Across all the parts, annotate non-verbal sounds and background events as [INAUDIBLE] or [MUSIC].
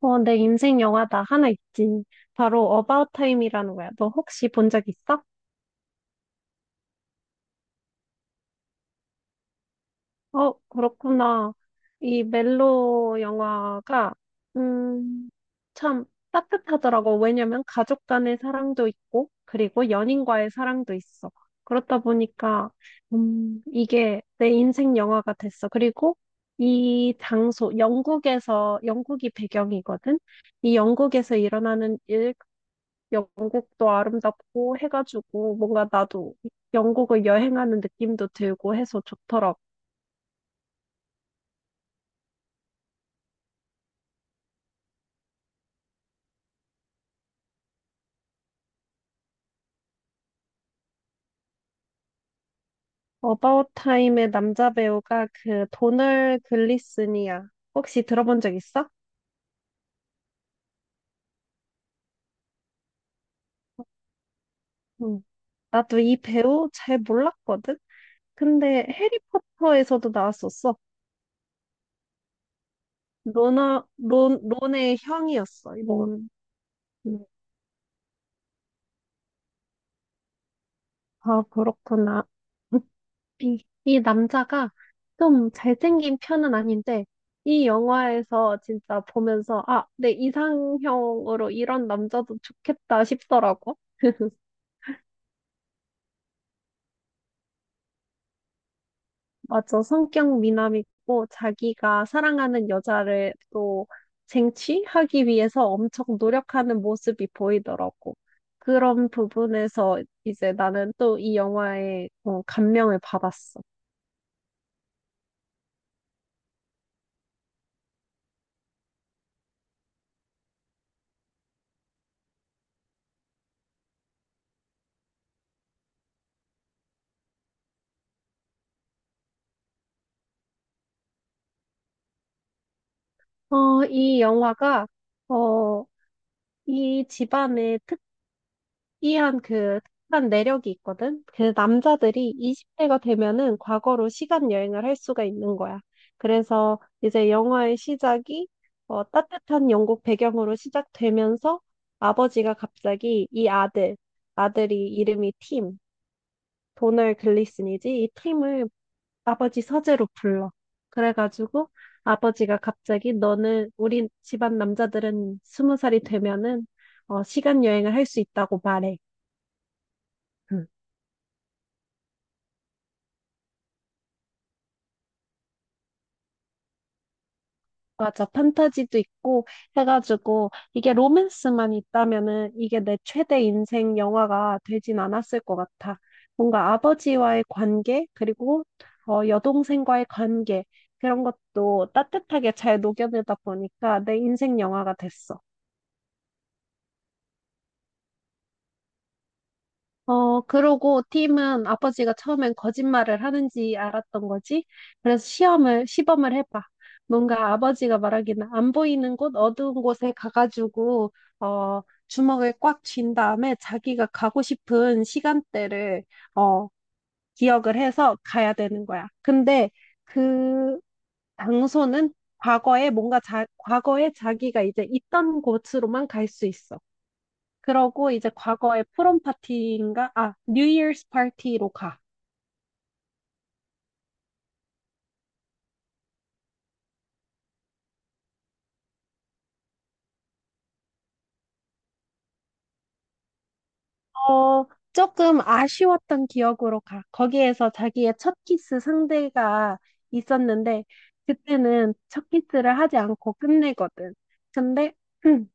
내 인생 영화 나 하나 있지. 바로 어바웃 타임이라는 거야. 너 혹시 본 적 있어? 어, 그렇구나. 이 멜로 영화가 음, 참 따뜻하더라고. 왜냐면 가족 간의 사랑도 있고 그리고 연인과의 사랑도 있어. 그렇다 보니까 이게 내 인생 영화가 됐어. 그리고 이 장소 영국에서 영국이 배경이거든. 이 영국에서 일어나는 일 영국도 아름답고 해가지고 뭔가 나도 영국을 여행하는 느낌도 들고 해서 좋더라고. 어바웃 타임의 남자 배우가 그 도널 글리슨이야. 혹시 들어본 적 있어? 응. 나도 이 배우 잘 몰랐거든? 근데 해리포터에서도 나왔었어. 론의 형이었어, 이거. 음. 아, 그렇구나. 이 남자가 좀 잘생긴 편은 아닌데, 이 영화에서 진짜 보면서, 아, 내 이상형으로 이런 남자도 좋겠다 싶더라고. 맞아. 성격 미남이고, 자기가 사랑하는 여자를 또 쟁취하기 위해서 엄청 노력하는 모습이 보이더라고. 그런 부분에서 이제 나는 또 이 영화에 감명을 받았어. 어, 이 영화가, 어, 이 집안의 특이한 그 특한 내력이 있거든. 그 남자들이 20대가 되면은 과거로 시간 여행을 할 수가 있는 거야. 그래서 이제 영화의 시작이 따뜻한 영국 배경으로 시작되면서 아버지가 갑자기 아들이 이름이 팀, 도널 글리슨이지, 이 팀을 아버지 서재로 불러. 그래가지고 아버지가 갑자기 너는 우리 집안 남자들은 스무 살이 되면은 시간 여행을 할 수 있다고 말해. 응. 맞아. 판타지도 있고 해가지고 이게 로맨스만 있다면은 이게 내 최대 인생 영화가 되진 않았을 것 같아. 뭔가 아버지와의 관계, 그리고 여동생과의 관계, 그런 것도 따뜻하게 잘 녹여내다 보니까 내 인생 영화가 됐어. 그러고 팀은 아버지가 처음엔 거짓말을 하는지 알았던 거지. 그래서 시범을 해봐. 뭔가 아버지가 말하기는 안 보이는 곳, 어두운 곳에 가가지고, 어, 주먹을 꽉 쥔 다음에 자기가 가고 싶은 시간대를, 어, 기억을 해서 가야 되는 거야. 근데 그 장소는 과거에 과거에 자기가 이제 있던 곳으로만 갈 수 있어. 그러고 이제 과거의 프롬 파티인가? 아, 뉴 이어스 파티로 가. 어, 조금 아쉬웠던 기억으로 가. 거기에서 자기의 첫 키스 상대가 있었는데, 그때는 첫 키스를 하지 않고 끝내거든. 근데, [CLEARS THROAT]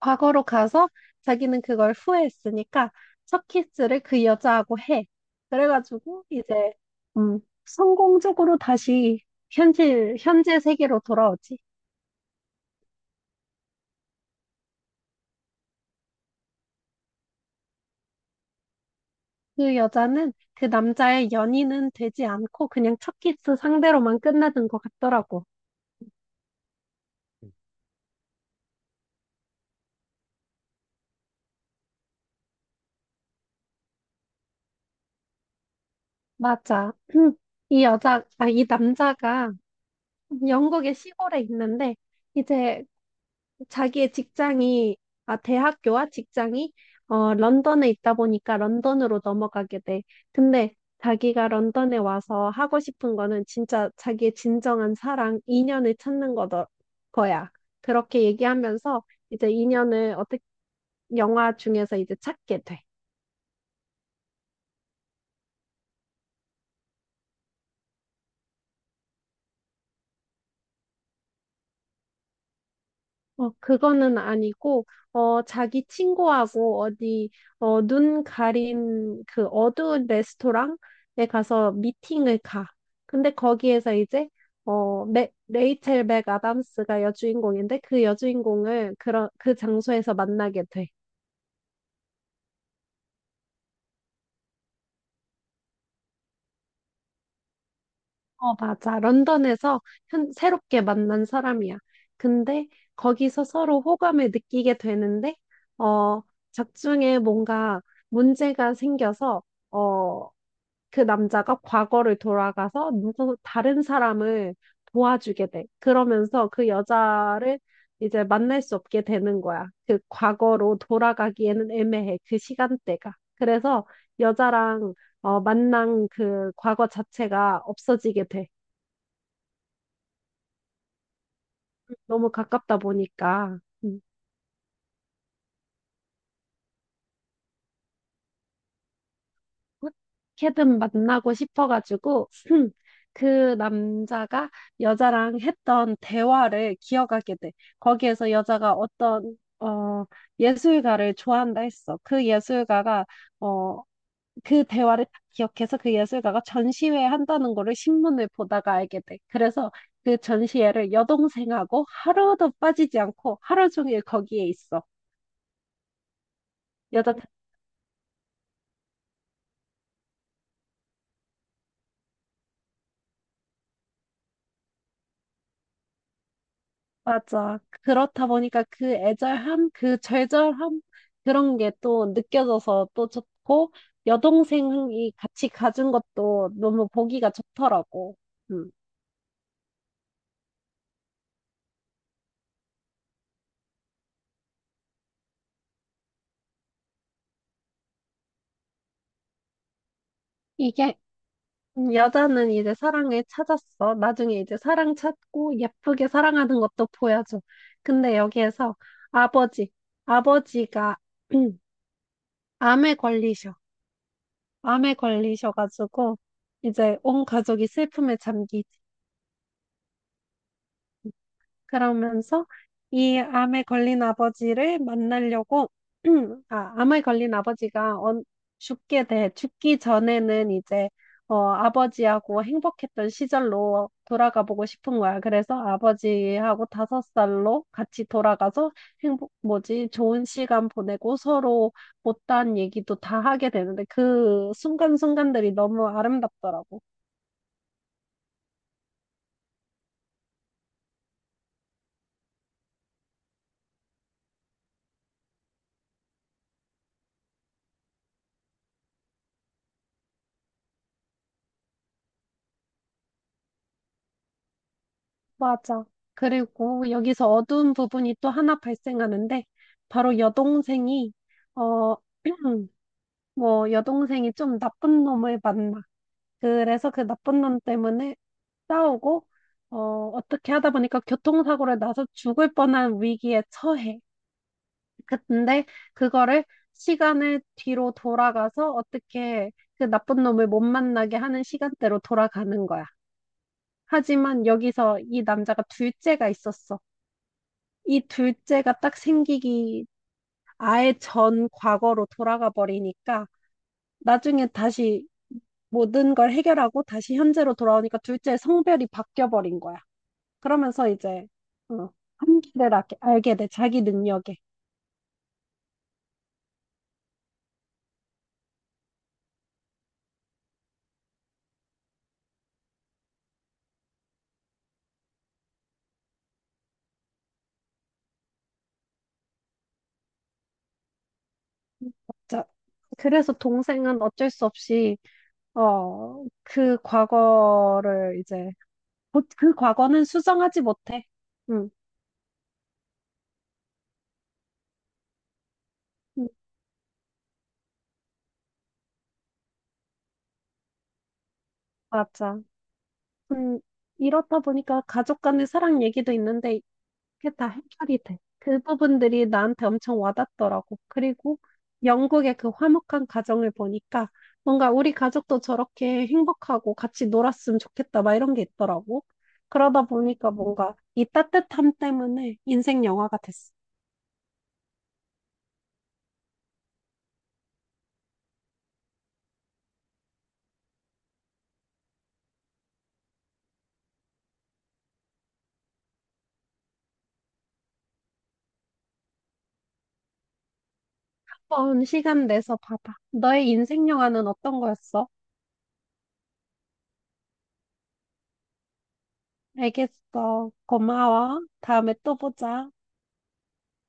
과거로 가서 자기는 그걸 후회했으니까 첫 키스를 그 여자하고 해. 그래가지고 이제, 성공적으로 다시 현재 세계로 돌아오지. 그 여자는 그 남자의 연인은 되지 않고 그냥 첫 키스 상대로만 끝나는 것 같더라고. 맞아. [CLEARS THROAT] 이 남자가 영국의 시골에 있는데 이제 자기의 직장이, 대학교와 직장이, 런던에 있다 보니까 런던으로 넘어가게 돼. 근데 자기가 런던에 와서 하고 싶은 거는 진짜 자기의 진정한 사랑, 인연을 찾는 거야. 그렇게 얘기하면서 이제 인연을 어떻게, 영화 중에서 이제 찾게 돼. 그거는 아니고, 자기 친구하고 어디, 눈 가린 그 어두운 레스토랑에 가서 미팅을 가. 근데 거기에서 이제, 레이첼 맥 아담스가 여주인공인데 그 여주인공을 그 장소에서 만나게 돼. 어, 맞아. 런던에서 새롭게 만난 사람이야. 근데 거기서 서로 호감을 느끼게 되는데, 어, 작중에 뭔가 문제가 생겨서, 어, 그 남자가 과거를 돌아가서 누구 다른 사람을 도와주게 돼. 그러면서 그 여자를 이제 만날 수 없게 되는 거야. 그 과거로 돌아가기에는 애매해. 그 시간대가. 그래서 여자랑 만난 그 과거 자체가 없어지게 돼. 너무 가깝다 보니까. 음. 어떻게든 만나고 싶어가지고 [CLEARS THROAT] 그 남자가 여자랑 했던 대화를 기억하게 돼. 거기에서 여자가 어떤 예술가를 좋아한다 했어. 그 예술가가 어 그 대화를 딱 기억해서 그 예술가가 전시회 한다는 거를 신문을 보다가 알게 돼. 그래서 그 전시회를 여동생하고 하루도 빠지지 않고 하루 종일 거기에 있어. 여자 맞아. 그렇다 보니까 그 애절함, 그 절절함, 그런 게 또 느껴져서 또 좋고, 여동생이 같이 가준 것도 너무 보기가 좋더라고. 음. 이게, 여자는 이제 사랑을 찾았어. 나중에 이제 사랑 찾고 예쁘게 사랑하는 것도 보여줘. 근데 여기에서 아버지, 아버지가 [CLEARS THROAT] 암에 걸리셔. 암에 걸리셔가지고, 이제 온 가족이 슬픔에 잠기지. 그러면서 이 암에 걸린 아버지를 만나려고, [CLEARS THROAT] 아, 암에 걸린 아버지가 언- 죽게 돼, 죽기 전에는 이제, 아버지하고 행복했던 시절로 돌아가 보고 싶은 거야. 그래서 아버지하고 다섯 살로 같이 돌아가서 좋은 시간 보내고 서로 못다한 얘기도 다 하게 되는데 그 순간순간들이 너무 아름답더라고. 맞아. 그리고 여기서 어두운 부분이 또 하나 발생하는데, 바로 어, [CLEARS THROAT] 뭐, 여동생이 좀 나쁜 놈을 만나. 그래서 그 나쁜 놈 때문에 싸우고, 어, 어떻게 하다 보니까 교통사고를 나서 죽을 뻔한 위기에 처해. 근데 그거를 시간을 뒤로 돌아가서 어떻게 그 나쁜 놈을 못 만나게 하는 시간대로 돌아가는 거야. 하지만 여기서 이 남자가 둘째가 있었어. 이 둘째가 딱 생기기 아예 전 과거로 돌아가 버리니까 나중에 다시 모든 걸 해결하고 다시 현재로 돌아오니까 둘째의 성별이 바뀌어 버린 거야. 그러면서 이제 어, 한계를 알게 돼, 자기 능력에. 자, 그래서 동생은 어쩔 수 없이 그 과거를 이제, 그 과거는 수정하지 못해. 응, 응, 맞아. 음, 이렇다 보니까 가족 간의 사랑 얘기도 있는데, 이게 다 해결이 돼. 그 부분들이 나한테 엄청 와닿더라고. 그리고 영국의 그 화목한 가정을 보니까, 뭔가 우리 가족도 저렇게 행복하고 같이 놀았으면 좋겠다, 막 이런 게 있더라고. 그러다 보니까 뭔가 이 따뜻함 때문에 인생 영화가 됐어. 한번 시간 내서 봐봐. 너의 인생 영화는 어떤 거였어? 알겠어. 고마워. 다음에 또 보자.